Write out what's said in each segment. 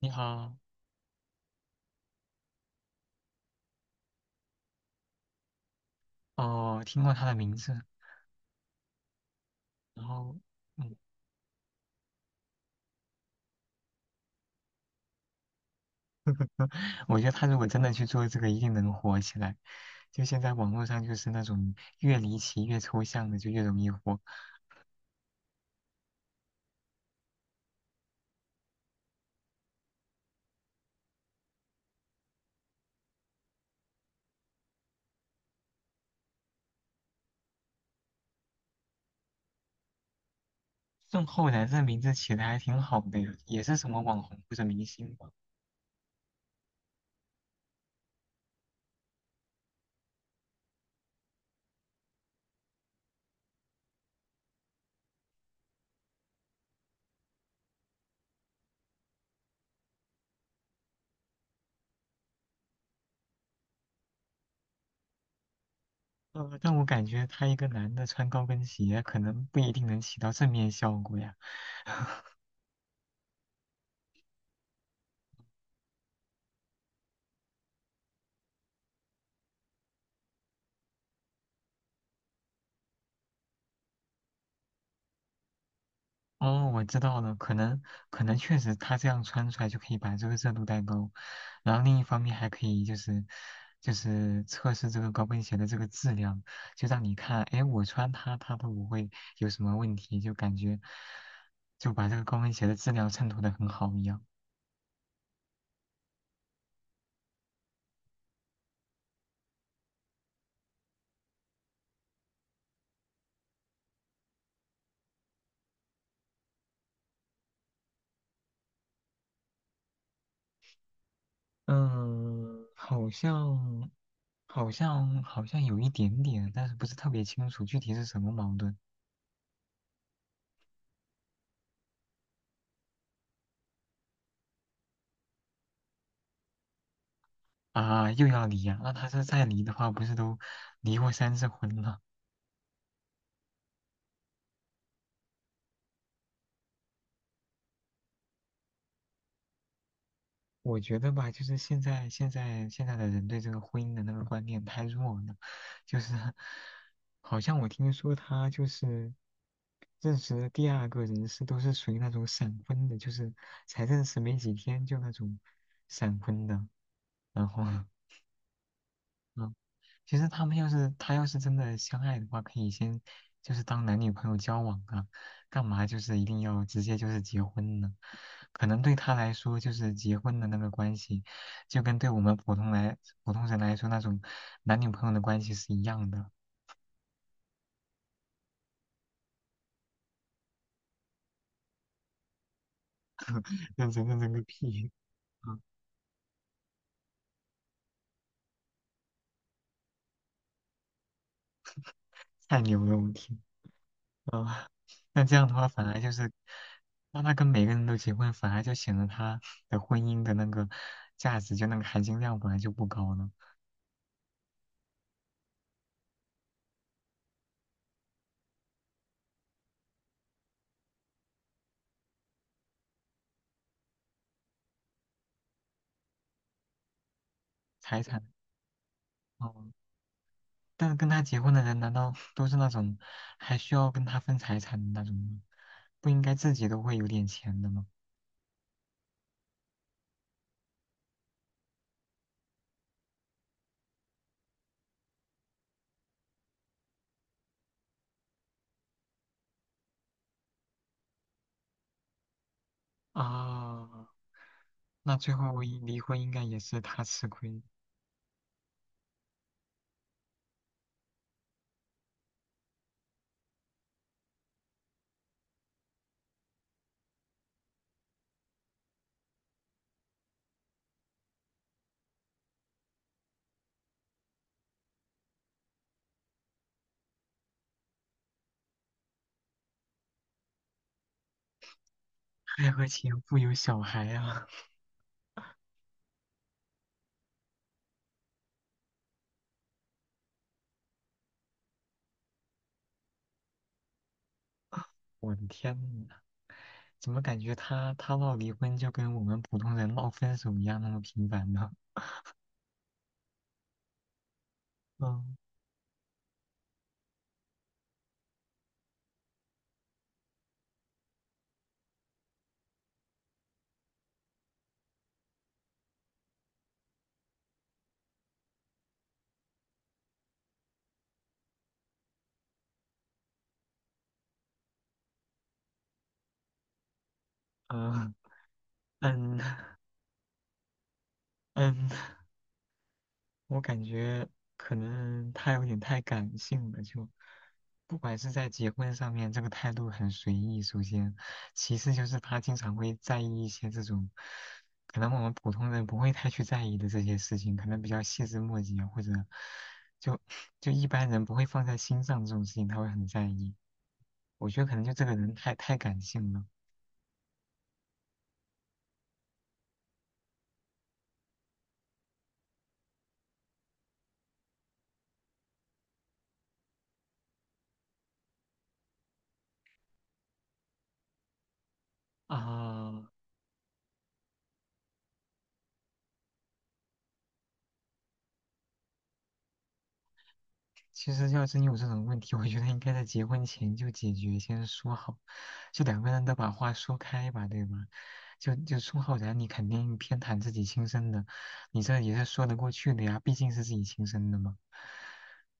你好。哦，听过他的名字。然后，嗯，我觉得他如果真的去做这个，一定能火起来。就现在网络上就是那种越离奇、越抽象的，就越容易火。郑浩然这名字起的还挺好的呀，也是什么网红或者明星吧。但我感觉他一个男的穿高跟鞋，可能不一定能起到正面效果呀。哦，我知道了，可能确实他这样穿出来就可以把这个热度带高，然后另一方面还可以就是测试这个高跟鞋的这个质量，就让你看，哎，我穿它都不会有什么问题，就感觉就把这个高跟鞋的质量衬托的很好一样。嗯，好像好像好像有一点点，但是不是特别清楚具体是什么矛盾啊？又要离呀、那他是再离的话，不是都离过3次婚了？我觉得吧，就是现在的人对这个婚姻的那个观念太弱了，就是 好像我听说他就是认识的第二个人是都是属于那种闪婚的，就是才认识没几天就那种闪婚的，然后 嗯，其实他要是真的相爱的话，可以先就是当男女朋友交往啊，干嘛就是一定要直接就是结婚呢？可能对他来说，就是结婚的那个关系，就跟对我们普通人来说那种男女朋友的关系是一样的。认真认真个屁啊！太牛了，我天啊！那这样的话，反而就是让他跟每个人都结婚，反而就显得他的婚姻的那个价值，就那个含金量本来就不高了。财产。哦，但是跟他结婚的人难道都是那种还需要跟他分财产的那种吗？不应该自己都会有点钱的吗？啊，那最后一离婚应该也是他吃亏。还和前夫有小孩啊！我的天呐，怎么感觉他闹离婚就跟我们普通人闹分手一样那么频繁呢？嗯嗯嗯嗯，我感觉可能他有点太感性了，就不管是在结婚上面，这个态度很随意。首先，其次就是他经常会在意一些这种可能我们普通人不会太去在意的这些事情，可能比较细枝末节，或者就就一般人不会放在心上这种事情，他会很在意。我觉得可能就这个人太感性了啊。其实要真有这种问题，我觉得应该在结婚前就解决，先说好，就两个人都把话说开吧，对吧？就就宋浩然后你肯定偏袒自己亲生的，你这也是说得过去的呀，毕竟是自己亲生的嘛。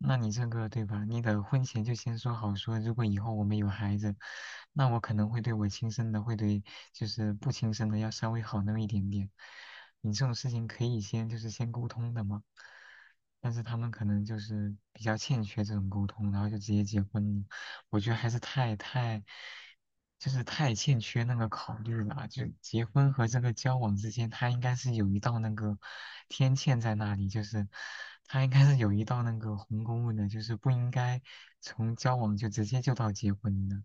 那你这个对吧？你得婚前就先说好说，如果以后我们有孩子，那我可能会对我亲生的会对就是不亲生的要稍微好那么一点点。你这种事情可以先就是先沟通的嘛，但是他们可能就是比较欠缺这种沟通，然后就直接结婚了。我觉得还是太就是太欠缺那个考虑了，就结婚和这个交往之间，他应该是有一道那个天堑在那里，就是他应该是有一道那个鸿沟的，就是不应该从交往就直接就到结婚的。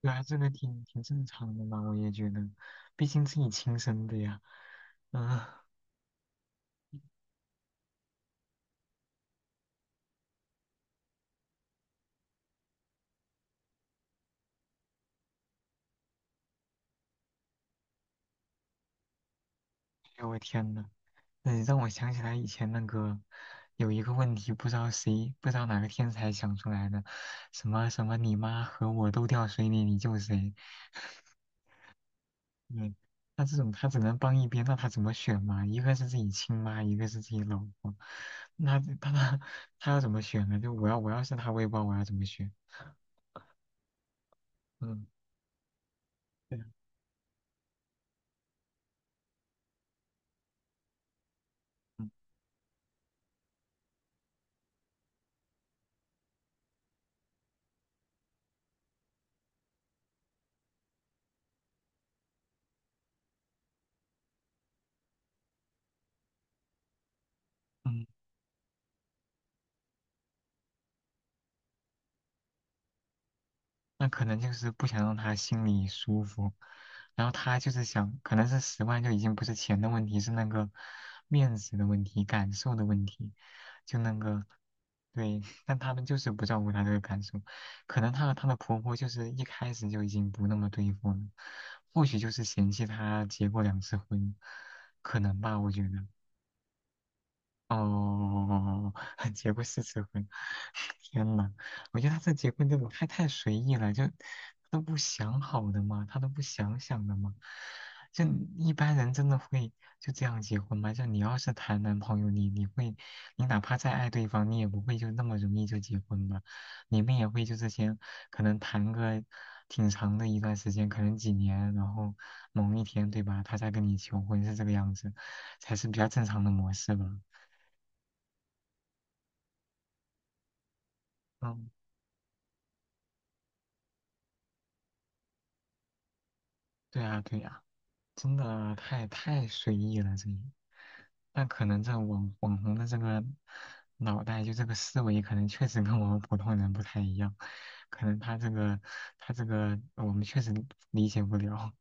对啊，这个挺正常的嘛，我也觉得，毕竟自己亲生的呀。嗯，哎呦我天呐。嗯让我想起来以前那个有一个问题，不知道谁，不知道哪个天才想出来的，什么什么你妈和我都掉水里，你救谁？对，那这种他只能帮一边，那他怎么选嘛？一个是自己亲妈，一个是自己老婆，那他要怎么选呢？就我要是他，我也不知道我要怎么选。嗯，对啊嗯嗯。那可能就是不想让他心里舒服，然后他就是想，可能是10万就已经不是钱的问题，是那个面子的问题、感受的问题，就那个对。但他们就是不照顾他这个感受，可能她和她的婆婆就是一开始就已经不那么对付了，或许就是嫌弃她结过2次婚，可能吧，我觉得。哦，结过4次婚。天呐，我觉得他这结婚这种太随意了，就他都不想好的吗？他都不想想的吗？就一般人真的会就这样结婚吗？就你要是谈男朋友，你会，你哪怕再爱对方，你也不会就那么容易就结婚吧？你们也会就这些，可能谈个挺长的一段时间，可能几年，然后某一天，对吧？他再跟你求婚是这个样子，才是比较正常的模式吧？嗯，对呀，对呀，真的太随意了这但可能这网红的这个脑袋，就这个思维，可能确实跟我们普通人不太一样。可能他这个，我们确实理解不了。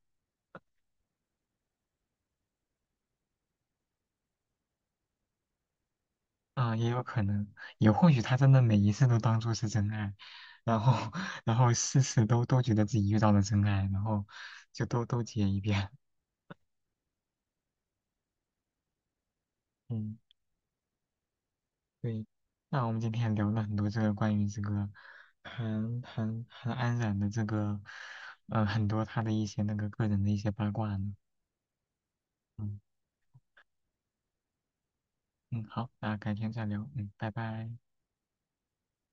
啊，也有可能，也或许他真的每一次都当做是真爱，然后 然后事事都觉得自己遇到了真爱，然后就都结一遍。嗯对，那我们今天聊了很多这个关于这个韩安冉的这个，很多他的一些那个个人的一些八卦呢。嗯嗯，好，那改天再聊。嗯，拜拜。